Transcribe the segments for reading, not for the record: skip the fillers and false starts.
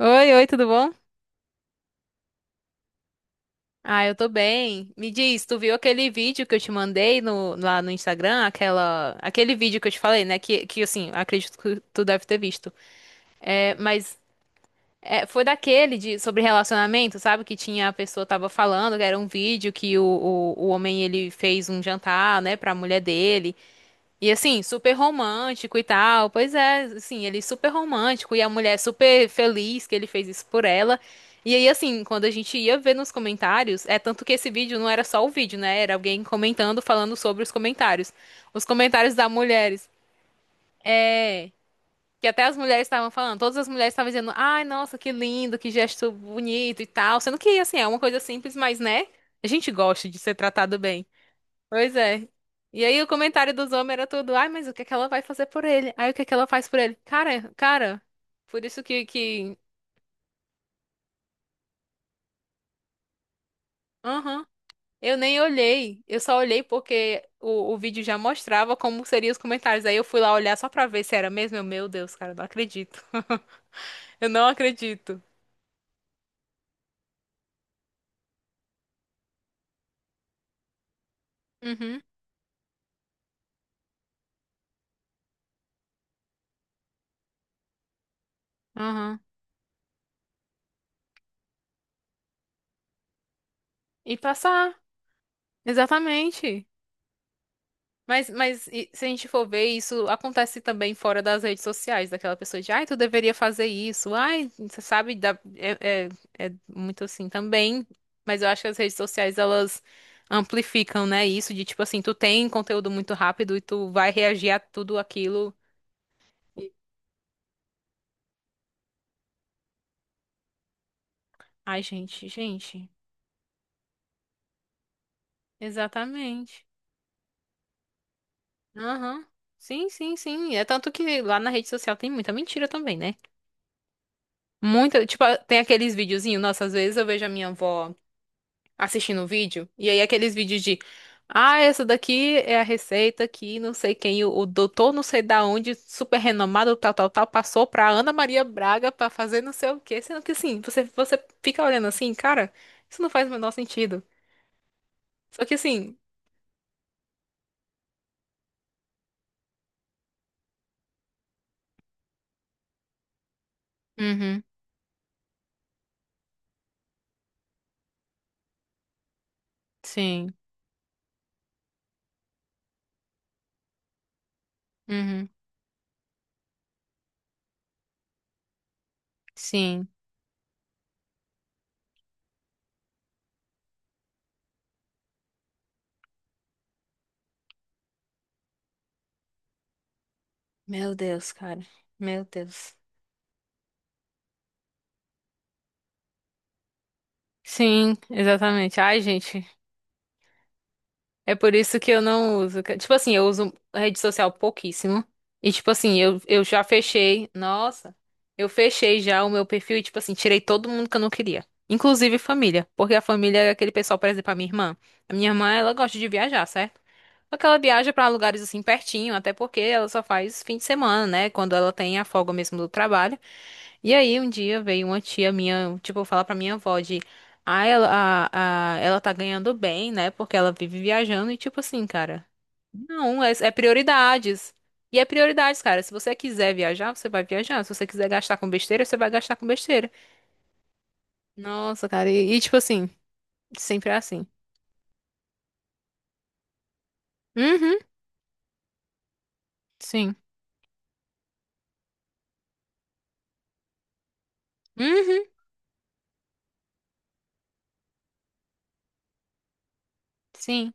Oi, oi, tudo bom? Ah, eu tô bem. Me diz, tu viu aquele vídeo que eu te mandei lá no Instagram? Aquele vídeo que eu te falei, né? Que assim, acredito que tu deve ter visto. É, mas foi daquele sobre relacionamento, sabe? Que tinha a pessoa tava falando, que era um vídeo que o homem ele fez um jantar, né, pra mulher dele. E assim, super romântico e tal. Pois é, assim, ele super romântico e a mulher super feliz que ele fez isso por ela. E aí, assim, quando a gente ia ver nos comentários, é tanto que esse vídeo não era só o vídeo, né? Era alguém comentando, falando sobre os comentários. Os comentários das mulheres. É. Que até as mulheres estavam falando, todas as mulheres estavam dizendo, ai, nossa, que lindo, que gesto bonito e tal. Sendo que, assim, é uma coisa simples, mas, né? A gente gosta de ser tratado bem. Pois é. E aí o comentário dos homens era tudo, ai, mas o que é que ela vai fazer por ele? Aí o que é que ela faz por ele? Cara, por isso que. Aham. Eu nem olhei, eu só olhei porque o vídeo já mostrava como seriam os comentários. Aí eu fui lá olhar só pra ver se era mesmo. Meu Deus, cara, eu não acredito. Eu não acredito. Uhum, aham. E passar, exatamente. Mas e se a gente for ver, isso acontece também fora das redes sociais, daquela pessoa de, ai, tu deveria fazer isso, ai, você sabe, é muito assim também, mas eu acho que as redes sociais, elas amplificam, né, isso de, tipo assim, tu tem conteúdo muito rápido e tu vai reagir a tudo aquilo. E- Ai, gente, gente, exatamente. Aham, Sim, sim, sim, é tanto que lá na rede social tem muita mentira também, né? Muita, tipo, tem aqueles videozinhos, nossa, às vezes eu vejo a minha avó assistindo o vídeo, e aí aqueles vídeos de, ah, essa daqui é a receita que não sei quem, o doutor não sei da onde, super renomado, tal, tal, tal, passou pra Ana Maria Braga pra fazer não sei o quê, sendo que assim, você, você fica olhando assim, cara, isso não faz o menor sentido. Só que assim, uhum, sim, uhum, sim. Meu Deus, cara, meu Deus. Sim, exatamente. Ai, gente, é por isso que eu não uso. Tipo assim, eu uso rede social pouquíssimo. E tipo assim, eu já fechei. Nossa, eu fechei já o meu perfil e tipo assim, tirei todo mundo que eu não queria. Inclusive família. Porque a família é aquele pessoal, por exemplo, a minha irmã. A minha irmã, ela gosta de viajar, certo? Só que ela viaja pra lugares assim pertinho, até porque ela só faz fim de semana, né? Quando ela tem a folga mesmo do trabalho. E aí, um dia veio uma tia minha, tipo, falar pra minha avó de, ah, ela, ela tá ganhando bem, né? Porque ela vive viajando e, tipo assim, cara, não, é prioridades. E é prioridades, cara. Se você quiser viajar, você vai viajar. Se você quiser gastar com besteira, você vai gastar com besteira. Nossa, cara, tipo assim, sempre é assim. Uhum, sim. Uhum, sim.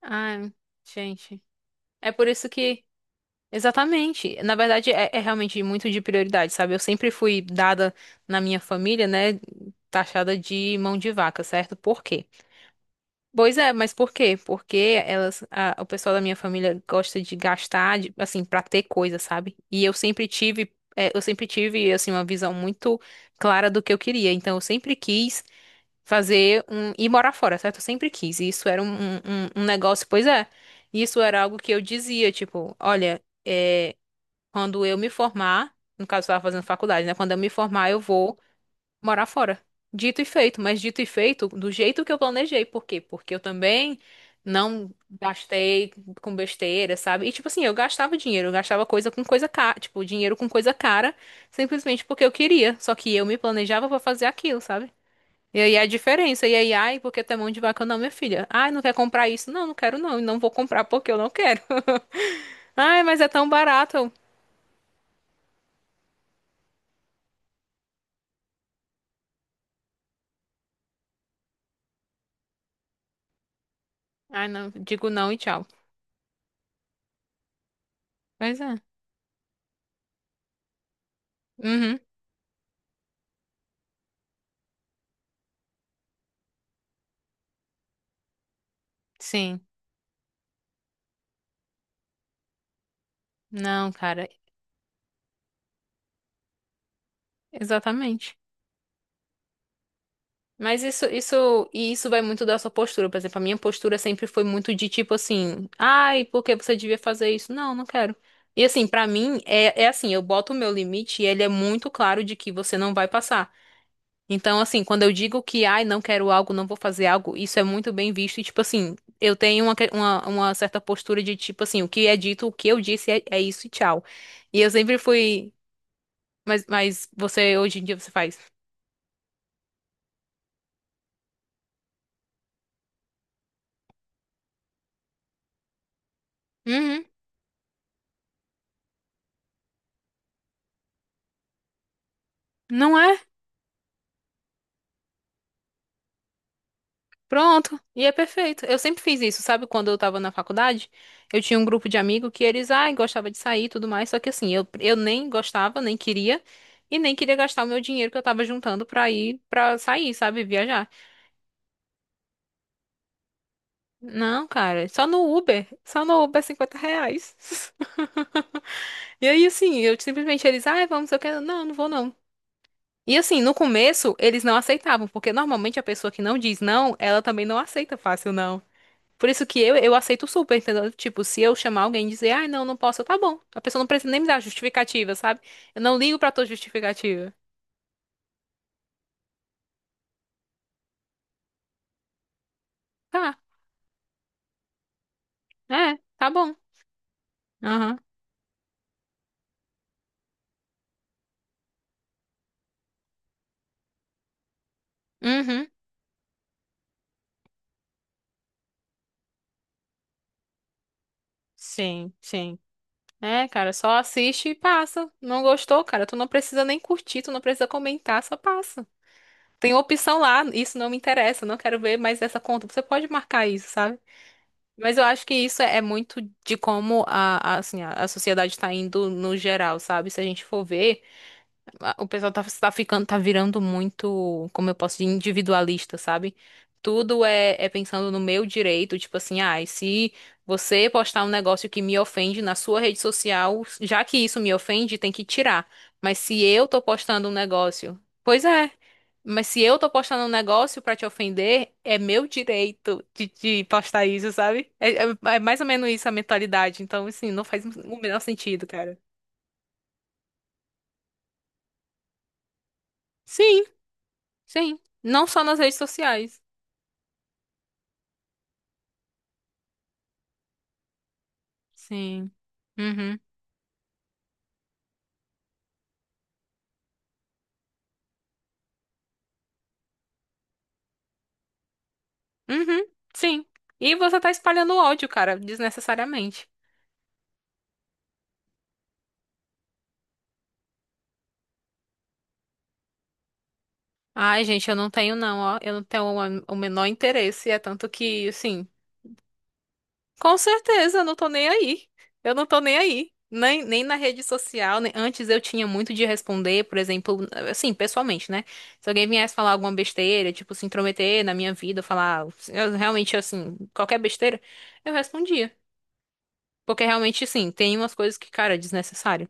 Ai, gente. É por isso que. Exatamente. Na verdade, é realmente muito de prioridade, sabe? Eu sempre fui dada na minha família, né? Taxada de mão de vaca, certo? Por quê? Pois é, mas por quê? Porque o pessoal da minha família gosta de gastar, assim, pra ter coisa, sabe? E eu sempre tive, assim, uma visão muito clara do que eu queria. Então, eu sempre quis ir morar fora, certo? Eu sempre quis. E isso era um, um negócio, pois é. Isso era algo que eu dizia, tipo, olha. Quando eu me formar, no caso, eu estava fazendo faculdade, né? Quando eu me formar, eu vou morar fora. Dito e feito, mas dito e feito do jeito que eu planejei. Por quê? Porque eu também não gastei com besteira, sabe? E tipo assim, eu gastava dinheiro, eu gastava coisa com coisa cara, tipo, dinheiro com coisa cara, simplesmente porque eu queria. Só que eu me planejava pra fazer aquilo, sabe? E aí a diferença, e aí, ai, porque tem mão de vaca, não, minha filha. Ai, não quer comprar isso? Não, não quero não, e não vou comprar porque eu não quero. Ai, mas é tão barato. Ai, não, digo não e tchau. Pois é. Uhum, sim. Não, cara, exatamente. Mas e isso vai muito da sua postura. Por exemplo, a minha postura sempre foi muito de tipo assim, ai, por que você devia fazer isso? Não, não quero. E assim, pra mim, é assim, eu boto o meu limite e ele é muito claro de que você não vai passar. Então, assim, quando eu digo que, ai, não quero algo, não vou fazer algo, isso é muito bem visto. E, tipo assim, eu tenho uma certa postura de, tipo assim, o que é dito, o que eu disse é isso e tchau. E eu sempre fui, mas você, hoje em dia, você faz, uhum, não é? Pronto. E é perfeito. Eu sempre fiz isso, sabe? Quando eu tava na faculdade, eu tinha um grupo de amigos que eles, ai, gostava de sair e tudo mais, só que assim, eu nem gostava, nem queria, e nem queria gastar o meu dinheiro que eu tava juntando pra ir, pra sair, sabe? Viajar. Não, cara, só no Uber. Só no Uber é R$ 50. E aí, assim, eu simplesmente eles, ai, vamos, eu quero. Não, não vou não. E assim, no começo, eles não aceitavam, porque normalmente a pessoa que não diz não, ela também não aceita fácil não. Por isso que eu aceito super, entendeu? Tipo, se eu chamar alguém e dizer, ai, não, não posso, eu, tá bom. A pessoa não precisa nem me dar justificativa, sabe? Eu não ligo pra tua justificativa. Tá, é, tá bom. Aham. Uhum. Sim, sim. É, cara, só assiste e passa. Não gostou, cara? Tu não precisa nem curtir, tu não precisa comentar, só passa. Tem opção lá, isso não me interessa, não quero ver mais essa conta. Você pode marcar isso, sabe? Mas eu acho que isso é muito de como a, assim, a sociedade está indo no geral, sabe? Se a gente for ver o pessoal tá, tá virando muito, como eu posso dizer, individualista, sabe? Tudo é pensando no meu direito, tipo assim, ah, e se você postar um negócio que me ofende na sua rede social, já que isso me ofende, tem que tirar. Mas se eu tô postando um negócio, pois é. Mas se eu tô postando um negócio pra te ofender, é meu direito de postar isso, sabe? É, mais ou menos isso a mentalidade. Então, assim, não faz o menor sentido, cara. Sim, sim, não só nas redes sociais. Sim. Uhum. Uhum. Sim. E você tá espalhando ódio, cara, desnecessariamente. Ai, gente, eu não tenho não, ó. Eu não tenho o menor interesse. É tanto que, assim, com certeza eu não tô nem aí. Eu não tô nem aí. Nem, nem na rede social. Antes eu tinha muito de responder, por exemplo, assim, pessoalmente, né? Se alguém viesse falar alguma besteira, tipo, se intrometer na minha vida, falar eu, realmente, assim, qualquer besteira, eu respondia. Porque realmente, sim, tem umas coisas que, cara, é desnecessário.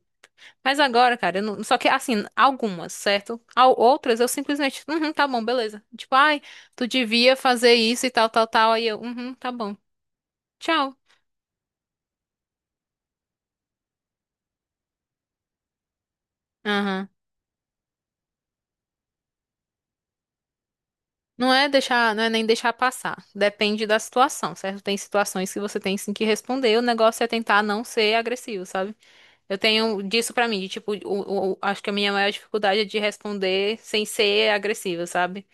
Mas agora, cara, eu não. Só que, assim, algumas, certo? Outras eu simplesmente, uhum, tá bom, beleza. Tipo, ai, tu devia fazer isso e tal, tal, tal. Aí eu, uhum, tá bom. Tchau. Aham. Não é deixar, não é nem deixar passar. Depende da situação, certo? Tem situações que você tem sim que responder. O negócio é tentar não ser agressivo, sabe? Eu tenho disso pra mim, de, tipo, acho que a minha maior dificuldade é de responder sem ser agressiva, sabe?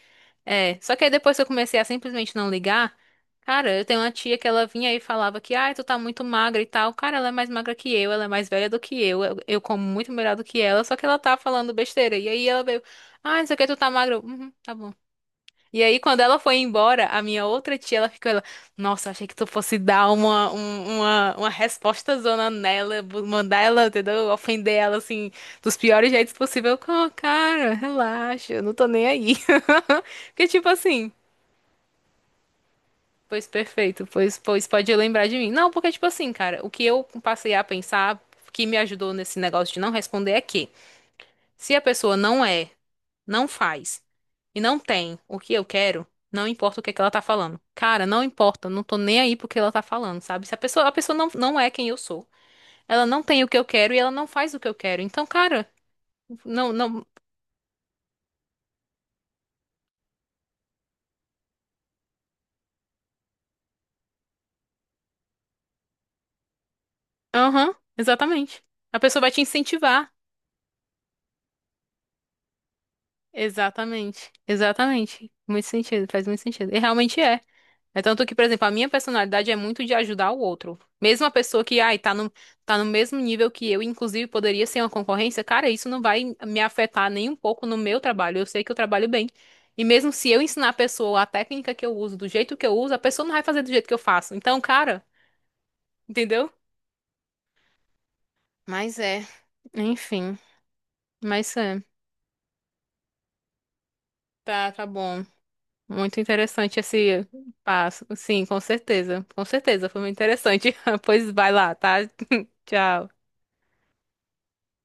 É, só que aí depois que eu comecei a simplesmente não ligar, cara, eu tenho uma tia que ela vinha e falava que, ai, tu tá muito magra e tal. Cara, ela é mais magra que eu, ela é mais velha do que eu, eu, como muito melhor do que ela, só que ela tá falando besteira. E aí ela veio, ai, não sei o que, tu tá magra. Eu, uhum, tá bom. E aí, quando ela foi embora, a minha outra tia, ela ficou, nossa, achei que tu fosse dar uma resposta zona nela, mandar ela, entendeu? Ofender ela, assim, dos piores jeitos possível. Eu, "Oh, cara, relaxa, eu não tô nem aí. Porque, tipo assim, pois perfeito, pois pode lembrar de mim. Não, porque, tipo assim, cara, o que eu passei a pensar, que me ajudou nesse negócio de não responder é que, se a pessoa não é não faz e não tem o que eu quero, não importa o que é que ela tá falando. Cara, não importa, não tô nem aí pro que ela tá falando, sabe? Se a pessoa não, não é quem eu sou. Ela não tem o que eu quero e ela não faz o que eu quero. Então, cara, não, não. Aham, exatamente. A pessoa vai te incentivar. Exatamente, exatamente. Muito sentido, faz muito sentido. E realmente é. É tanto que, por exemplo, a minha personalidade é muito de ajudar o outro. Mesmo a pessoa que, ai, tá no, mesmo nível que eu, inclusive poderia ser uma concorrência, cara, isso não vai me afetar nem um pouco no meu trabalho. Eu sei que eu trabalho bem. E mesmo se eu ensinar a pessoa a técnica que eu uso, do jeito que eu uso, a pessoa não vai fazer do jeito que eu faço. Então, cara, entendeu? Mas é, enfim, mas é. Tá, tá bom. Muito interessante esse passo. Sim, com certeza. Com certeza, foi muito interessante. Pois vai lá, tá? Tchau.